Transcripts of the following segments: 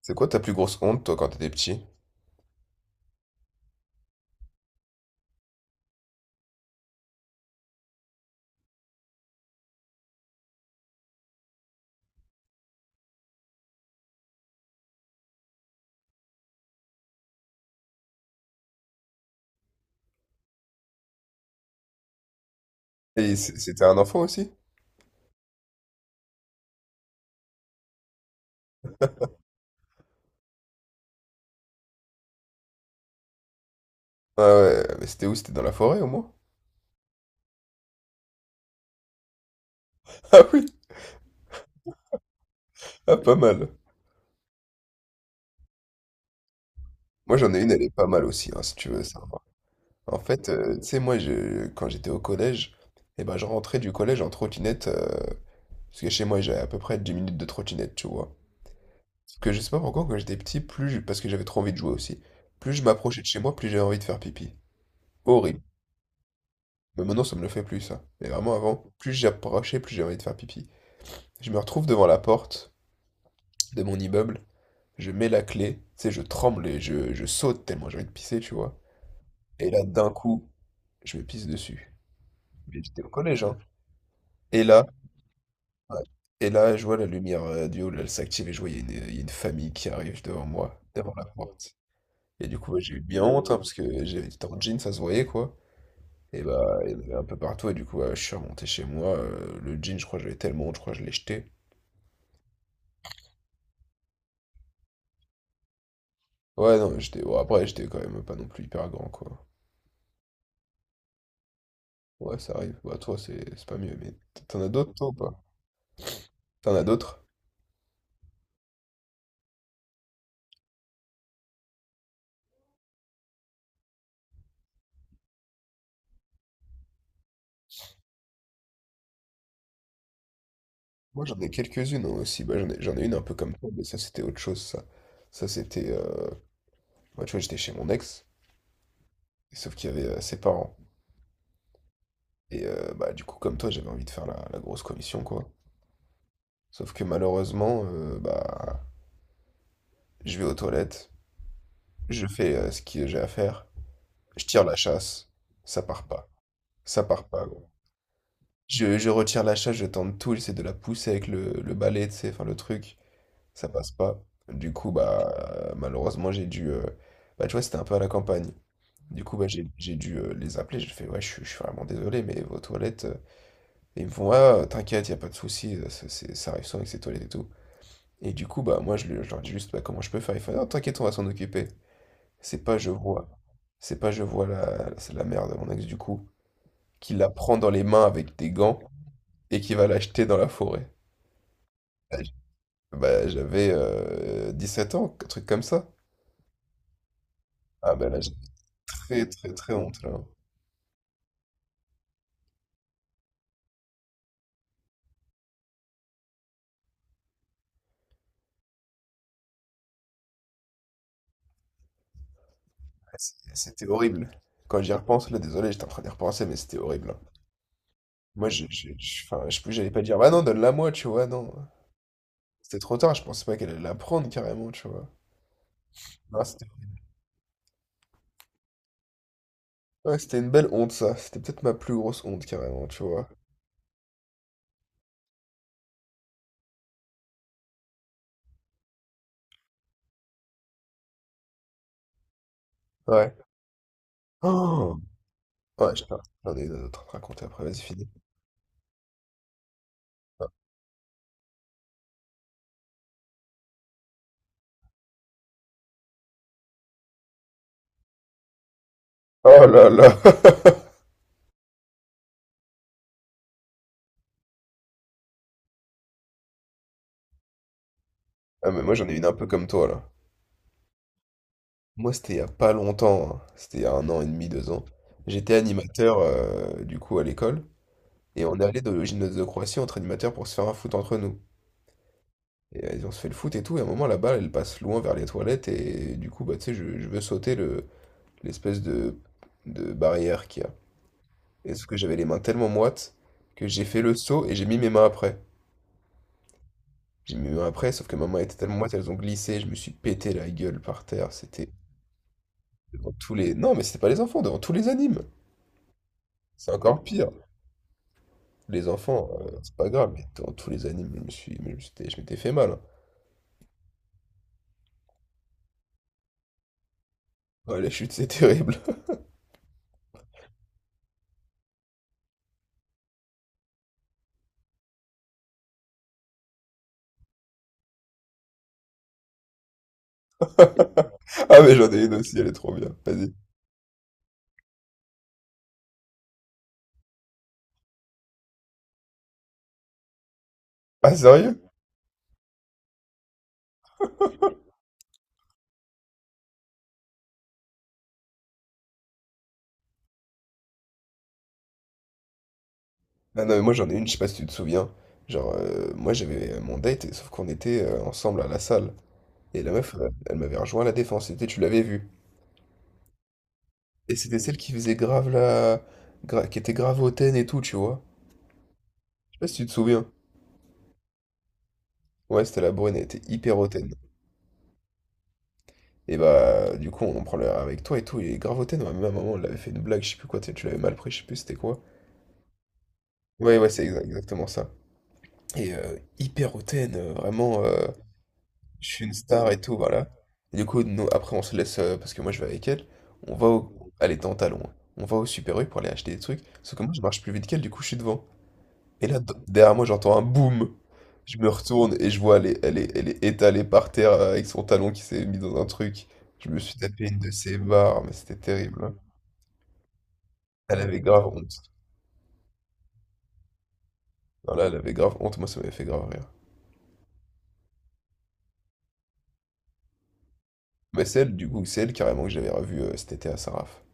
C'est quoi ta plus grosse honte, toi, quand t'étais petit? Et c'était un enfant aussi? Ah ouais, mais c'était où? C'était dans la forêt, au moins? Ah oui, ah, pas mal. Moi, j'en ai une, elle est pas mal aussi, hein, si tu veux savoir. En fait, tu sais, moi, je, quand j'étais au collège, eh ben, je rentrais du collège en trottinette, parce que chez moi, j'avais à peu près 10 minutes de trottinette, tu vois. Parce que je sais pas pourquoi, quand j'étais petit, parce que j'avais trop envie de jouer aussi, plus je m'approchais de chez moi, plus j'avais envie de faire pipi. Horrible. Mais maintenant, ça me le fait plus, ça. Mais vraiment, avant, plus j'approchais, plus j'avais envie de faire pipi. Je me retrouve devant la porte de mon immeuble. Je mets la clé, tu sais, je tremble et je saute tellement j'ai envie de pisser, tu vois. Et là, d'un coup, je me pisse dessus. Mais j'étais au collège, hein. Et là, ouais, et là, je vois la lumière du haut, là, elle s'active et je vois, il y a une famille qui arrive devant moi, devant la porte. Et du coup, ouais, j'ai eu bien honte, hein, parce que j'étais en jean, ça se voyait, quoi. Et bah, il y en avait un peu partout, et du coup, ouais, je suis remonté chez moi. Le jean, je crois que j'avais tellement honte, je crois que je l'ai jeté. Ouais, non, j'étais. Bon, après, j'étais quand même pas non plus hyper grand, quoi. Ouais, ça arrive. Bah, toi, c'est pas mieux, mais t'en as d'autres, toi, ou pas? T'en as d'autres? Moi, j'en ai quelques-unes hein, aussi. Bah, j'en ai une un peu comme toi, mais ça, c'était autre chose, ça. Ça, c'était... bah, tu vois, j'étais chez mon ex, et sauf qu'il y avait ses parents. Et bah, du coup, comme toi, j'avais envie de faire la grosse commission, quoi. Sauf que malheureusement, bah, je vais aux toilettes, je fais ce que j'ai à faire, je tire la chasse, ça part pas. Ça part pas, gros. Je retire la chasse, je tente tout, j'essaie de la pousser avec le balai, tu sais, enfin le truc. Ça passe pas. Du coup, bah, malheureusement, j'ai dû. Bah, tu vois, c'était un peu à la campagne. Du coup, bah, j'ai dû les appeler. J'ai fait, ouais, je suis vraiment désolé, mais vos toilettes. Et ils me font, ah, t'inquiète, y a pas de souci, ça, ça arrive souvent avec ces toilettes et tout. Et du coup, bah, moi, je leur dis juste, bah, comment je peux faire? Ils font, non, t'inquiète, on va s'en occuper. C'est pas, je vois. C'est pas, je vois c'est la mère de mon ex, du coup, qui la prend dans les mains avec des gants et qui va l'acheter dans la forêt. Bah, j'avais 7 ans, un truc comme ça. Ah ben là, très, très, très honte, là. C'était horrible. Quand j'y repense, là, désolé, j'étais en train d'y repenser, mais c'était horrible, hein. Moi, enfin, je sais plus, j'allais pas dire, bah non, donne-la moi, tu vois, non. C'était trop tard, je pensais pas qu'elle allait la prendre, carrément, tu vois. Non, c'était ouais, c'était une belle honte, ça. C'était peut-être ma plus grosse honte, carrément, tu vois. Ouais. Oh! Ouais, j'en ai une autre à te raconter après, vas-y, finis. Oh là là! Ah, mais moi, j'en ai une un peu comme toi, là. Moi, c'était il y a pas longtemps, hein. C'était il y a 1 an et demi, 2 ans. J'étais animateur, du coup, à l'école. Et on est au gymnase de Croatie entre animateurs pour se faire un foot entre nous. Et on se fait le foot et tout, et à un moment la balle elle passe loin vers les toilettes et du coup bah tu sais je veux sauter le l'espèce de barrière qu'il y a. Et sauf que j'avais les mains tellement moites que j'ai fait le saut et j'ai mis mes mains après. J'ai mis mes mains après, sauf que mes mains étaient tellement moite elles ont glissé, je me suis pété la gueule par terre, c'était devant tous les. Non mais c'était pas les enfants, devant tous les animes. C'est encore pire. Les enfants, c'est pas grave, mais devant tous les animes, je me suis. Mais je m'étais fait mal, hein. Ouais, la chute, c'est terrible. Ah mais j'en ai une aussi, elle est trop bien. Vas-y. Ah sérieux? Ah non mais moi j'en ai une, je sais pas si tu te souviens. Genre moi j'avais mon date, sauf qu'on était ensemble à la salle. Et la meuf, elle m'avait rejoint à la défense, c'était tu l'avais vue. Et c'était celle qui faisait grave la... qui était grave hautaine et tout, tu vois. Je sais pas si tu te souviens. Ouais, c'était la brune, elle était hyper hautaine. Et bah du coup on prend le avec toi et tout, il est grave hautaine, ouais, même à un moment on l'avait fait une blague, je sais plus quoi, tu sais, tu l'avais mal pris, je sais plus c'était quoi. Ouais c'est exactement ça. Et hyper hautaine, vraiment. Je suis une star et tout, voilà. Et du coup, nous, après, on se laisse, parce que moi, je vais avec elle, on va au... Elle était en talons, hein. On va au Super U pour aller acheter des trucs, sauf que moi, je marche plus vite qu'elle, du coup, je suis devant. Et là, derrière moi, j'entends un boum. Je me retourne et je vois, elle est étalée par terre avec son talon qui s'est mis dans un truc. Je me suis tapé une de ses barres, mais c'était terrible, hein. Elle avait grave honte. Non, là, elle avait grave honte, moi, ça m'avait fait grave rire. Mais c'est elle, du coup, c'est elle carrément que j'avais revue cet été à Saraf.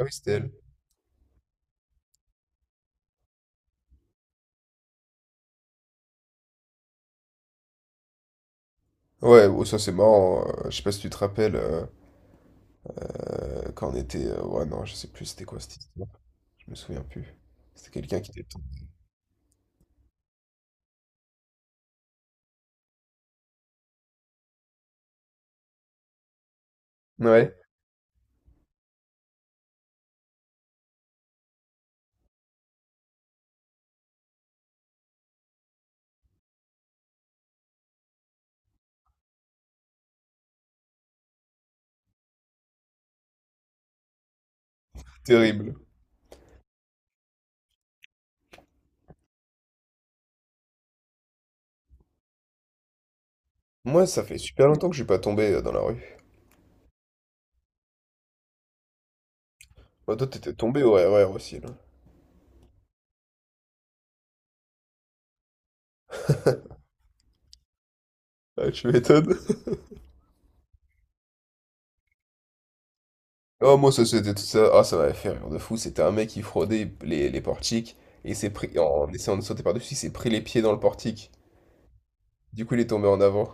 Ah oui, c'était elle. Ouais, oh, ça c'est marrant. Je sais pas si tu te rappelles. Quand on était. Ouais, non, je sais plus c'était quoi cette histoire. Je me souviens plus. C'était quelqu'un qui était tombé. Ouais, terrible. Moi, ça fait super longtemps que je suis pas tombé dans la rue. Moi, toi, t'étais tombé au RER aussi, là. Ah, tu m'étonnes. Oh, moi, ça, c'était tout ça. Ah, ça m'avait fait rire de fou. C'était un mec qui fraudait les portiques et il s'est pris, en essayant de sauter par-dessus, il s'est pris les pieds dans le portique. Du coup, il est tombé en avant.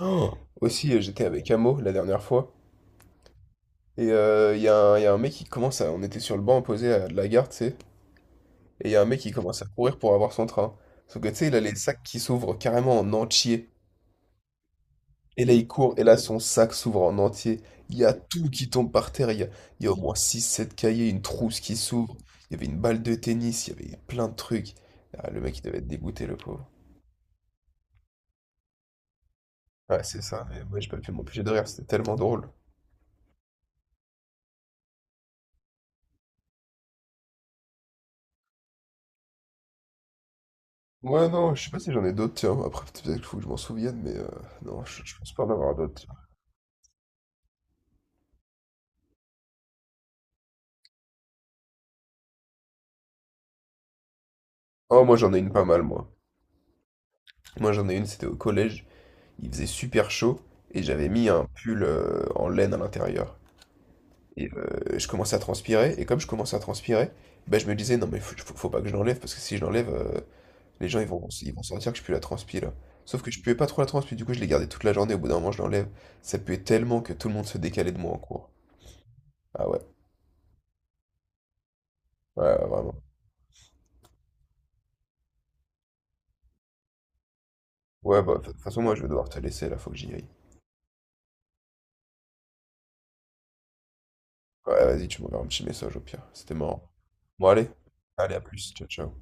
Oh, aussi, j'étais avec Amo la dernière fois. Et il y a un mec qui commence à. On était sur le banc opposé à de la gare, tu sais. Et il y a un mec qui commence à courir pour avoir son train. Sauf que tu sais, il a les sacs qui s'ouvrent carrément en entier. Et là, il court, et là, son sac s'ouvre en entier. Il y a tout qui tombe par terre. Il y a au moins six, sept cahiers, une trousse qui s'ouvre. Il y avait une balle de tennis, il y avait plein de trucs. Ah, le mec, il devait être dégoûté, le pauvre. Ouais, c'est ça, mais moi, j'ai pas pu m'empêcher de rire, c'était tellement drôle. Ouais, non, je sais pas si j'en ai d'autres, tiens. Après, peut-être qu'il faut que je m'en souvienne, mais non, je pense pas en avoir d'autres, tiens. Oh, moi, j'en ai une pas mal, moi. Moi, j'en ai une, c'était au collège. Il faisait super chaud et j'avais mis un pull en laine à l'intérieur. Et je commençais à transpirer et comme je commençais à transpirer, bah, je me disais non mais faut pas que je l'enlève parce que si je l'enlève, les gens ils vont sentir que je pue la transpi là. Sauf que je puais pas trop la transpi, du coup je l'ai gardé toute la journée, au bout d'un moment je l'enlève. Ça puait tellement que tout le monde se décalait de moi en cours. Ah ouais, ouais, ouais, vraiment. Ouais bah de toute façon moi je vais devoir te laisser là, faut que j'y aille. Ouais vas-y tu m'enverras un petit message au pire, c'était marrant. Bon allez, allez à plus, ciao ciao.